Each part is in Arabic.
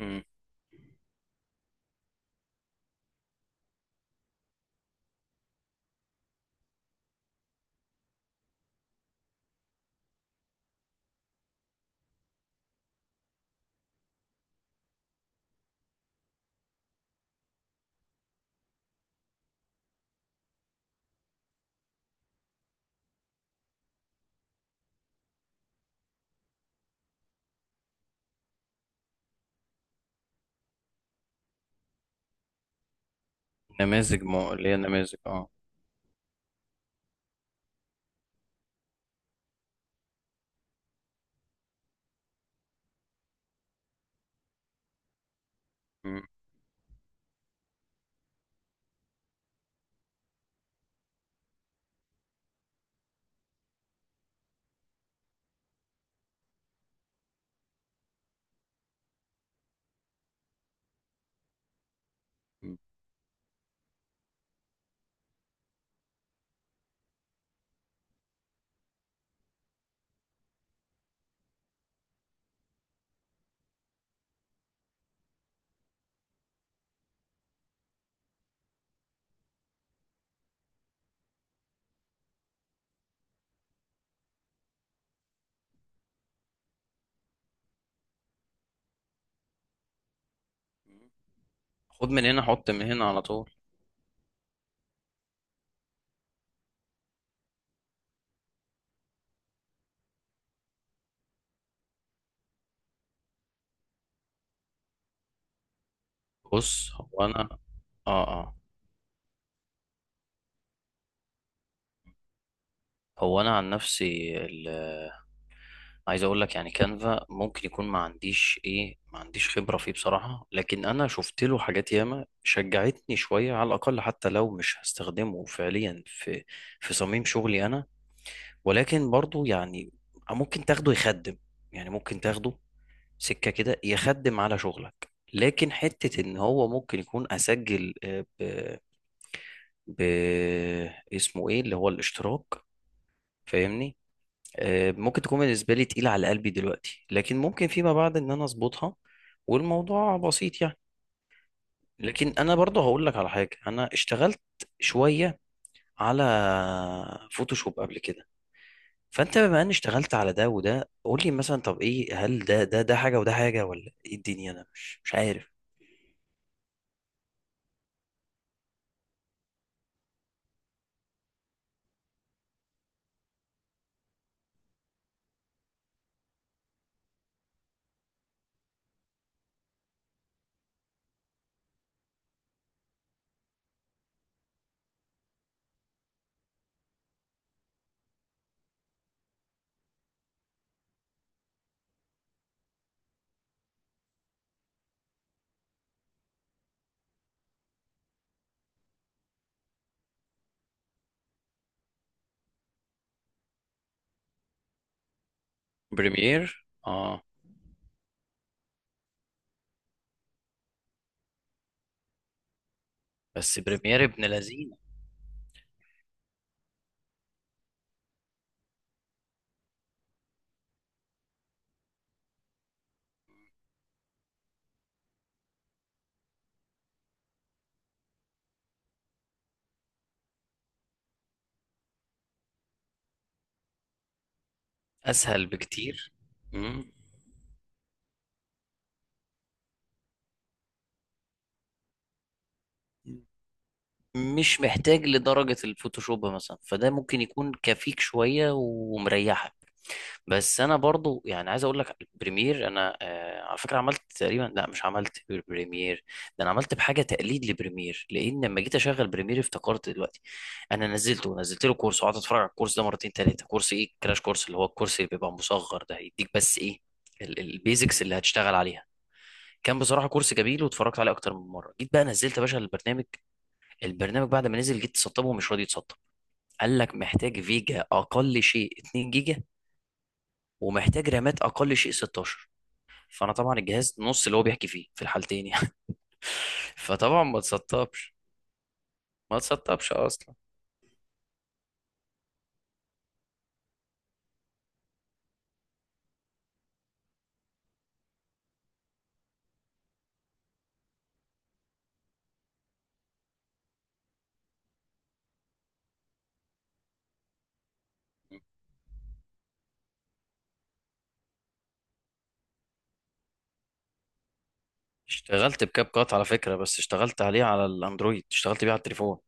مم. نماذج اللي هي نماذج اه مم. مم. خد من هنا حط من هنا على طول. بص، اه اه هو انا عن نفسي، عايز اقول لك يعني كانفا ممكن يكون ما عنديش خبرة فيه بصراحة، لكن انا شفت له حاجات ياما شجعتني شوية، على الاقل حتى لو مش هستخدمه فعليا في صميم شغلي انا. ولكن برضو يعني ممكن تاخده يخدم ممكن تاخده سكه كده يخدم على شغلك، لكن حته ان هو ممكن يكون اسجل، آه، ب... ب اسمه ايه اللي هو الاشتراك، فاهمني؟ ممكن تكون بالنسبه لي تقيله على قلبي دلوقتي، لكن ممكن فيما بعد ان انا اظبطها، والموضوع بسيط يعني. لكن انا برضه هقول لك على حاجه، انا اشتغلت شويه على فوتوشوب قبل كده، فانت بما اني اشتغلت على ده وده، قول لي مثلا، طب ايه، هل ده حاجه وده حاجه ولا ايه الدنيا؟ انا مش عارف. بريمير، اه. بس بريمير ابن لذينه. اسهل بكتير. مم. مش محتاج لدرجة الفوتوشوب مثلا، فده ممكن يكون كفيك شوية ومريحك. بس انا برضو يعني عايز اقول لك البريمير، انا على فكرة عملت تقريبا، لا، مش عملت بريمير. ده انا عملت بحاجة تقليد لبريمير، لان لما جيت اشغل بريمير افتكرت دلوقتي، انا نزلت له كورس وقعدت اتفرج على الكورس ده مرتين تلاتة. كورس ايه؟ كراش كورس، اللي هو الكورس اللي بيبقى مصغر، ده يديك بس ايه، البيزكس اللي هتشتغل عليها. كان بصراحة كورس جميل، واتفرجت عليه أكتر من مرة. جيت بقى نزلت يا باشا البرنامج، بعد ما نزل جيت تسطبه ومش راضي يتسطب. قال لك محتاج فيجا اقل شيء 2 جيجا، ومحتاج رامات اقل شيء 16. فانا طبعا الجهاز نص اللي هو بيحكي فيه في الحالتين يعني. فطبعا ما تسطبش، ما تسطبش اصلا. اشتغلت بكاب كات على فكرة، بس اشتغلت عليه على الاندرويد، اشتغلت بيه على التليفون.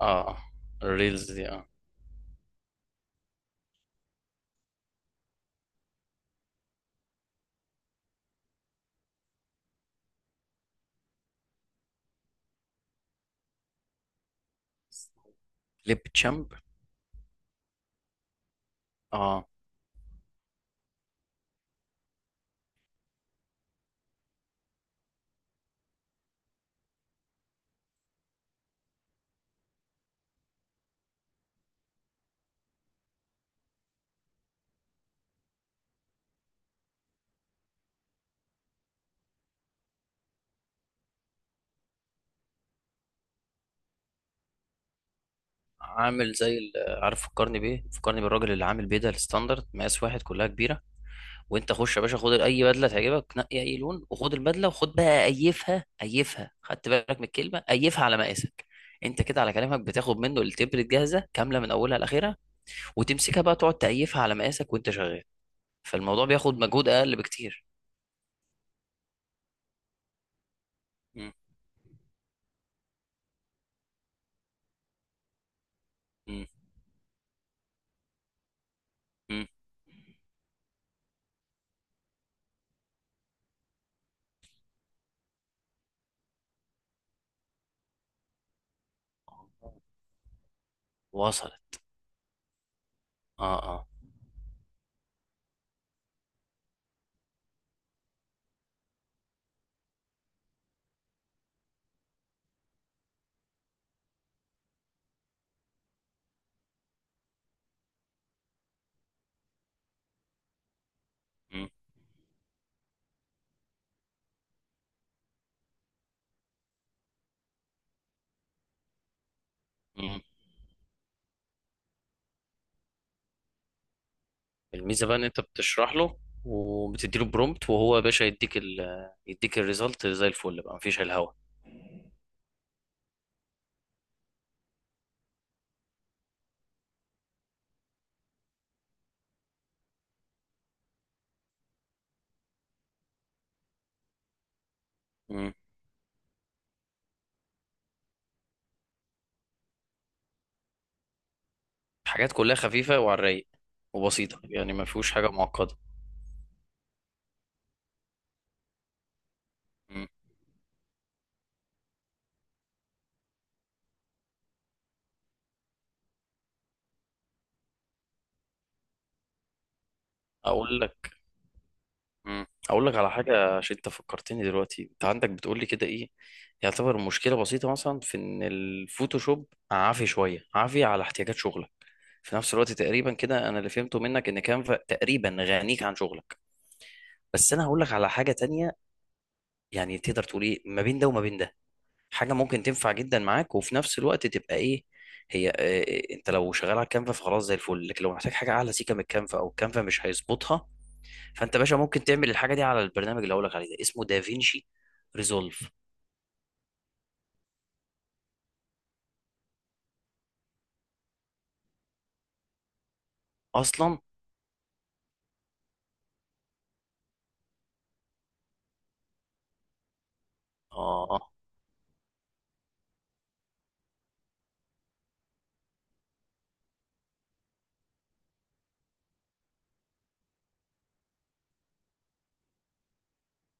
اه. آه. الريلز دي، اه. ليب تشامب. اه. عامل زي عارف فكرني بايه؟ فكرني بالراجل اللي عامل بيه ده الستاندرد مقاس واحد كلها كبيرة، وانت خش يا باشا خد اي بدله تعجبك، نقي اي لون وخد البدله، وخد بقى ايفها، ايفها، خدت بالك من الكلمه؟ ايفها على مقاسك. انت كده على كلامك بتاخد منه التبرة جاهزه كامله من اولها لاخرها، وتمسكها بقى تقعد تأيفها على مقاسك وانت شغال، فالموضوع بياخد مجهود اقل بكتير. مم. مم. مم. وصلت. اه، اه. مم. مم. الميزه بقى ان انت بتشرح له، وبتدي له برومبت، وهو يا باشا يديك يديك الريزلت زي الفل بقى، مفيش الهوا. حاجات كلها خفيفة وعلى الرايق. وبسيطة يعني، ما فيهوش حاجة معقدة. مم. أقول لك. مم. أقول لك على حاجة، عشان أنت فكرتني دلوقتي، أنت عندك بتقول لي كده إيه يعتبر مشكلة بسيطة، مثلا في إن الفوتوشوب عافي شوية، عافي على احتياجات شغلك. في نفس الوقت تقريبا كده، أنا اللي فهمته منك إن كانفا تقريبا غنيك عن شغلك. بس أنا هقول لك على حاجة تانية، يعني تقدر تقول إيه ما بين ده وما بين ده. حاجه ممكن تنفع جدا معاك، وفي نفس الوقت تبقى ايه، هي إيه؟ انت لو شغال على الكانفا فخلاص زي الفل، لكن لو محتاج حاجه اعلى سيكه من الكانفا، او الكانفا مش هيظبطها، فانت يا باشا ممكن تعمل الحاجه دي على البرنامج اللي هقول لك عليه ده، اسمه دافينشي ريزولف. اصلا، اه.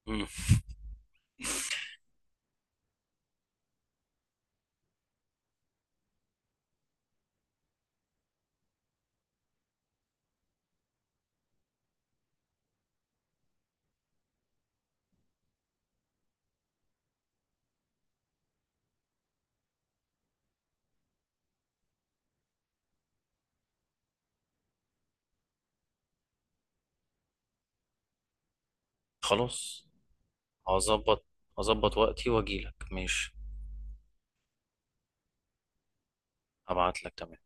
مم. خلاص، هظبط هظبط وقتي واجيلك ماشي. هبعت لك، تمام.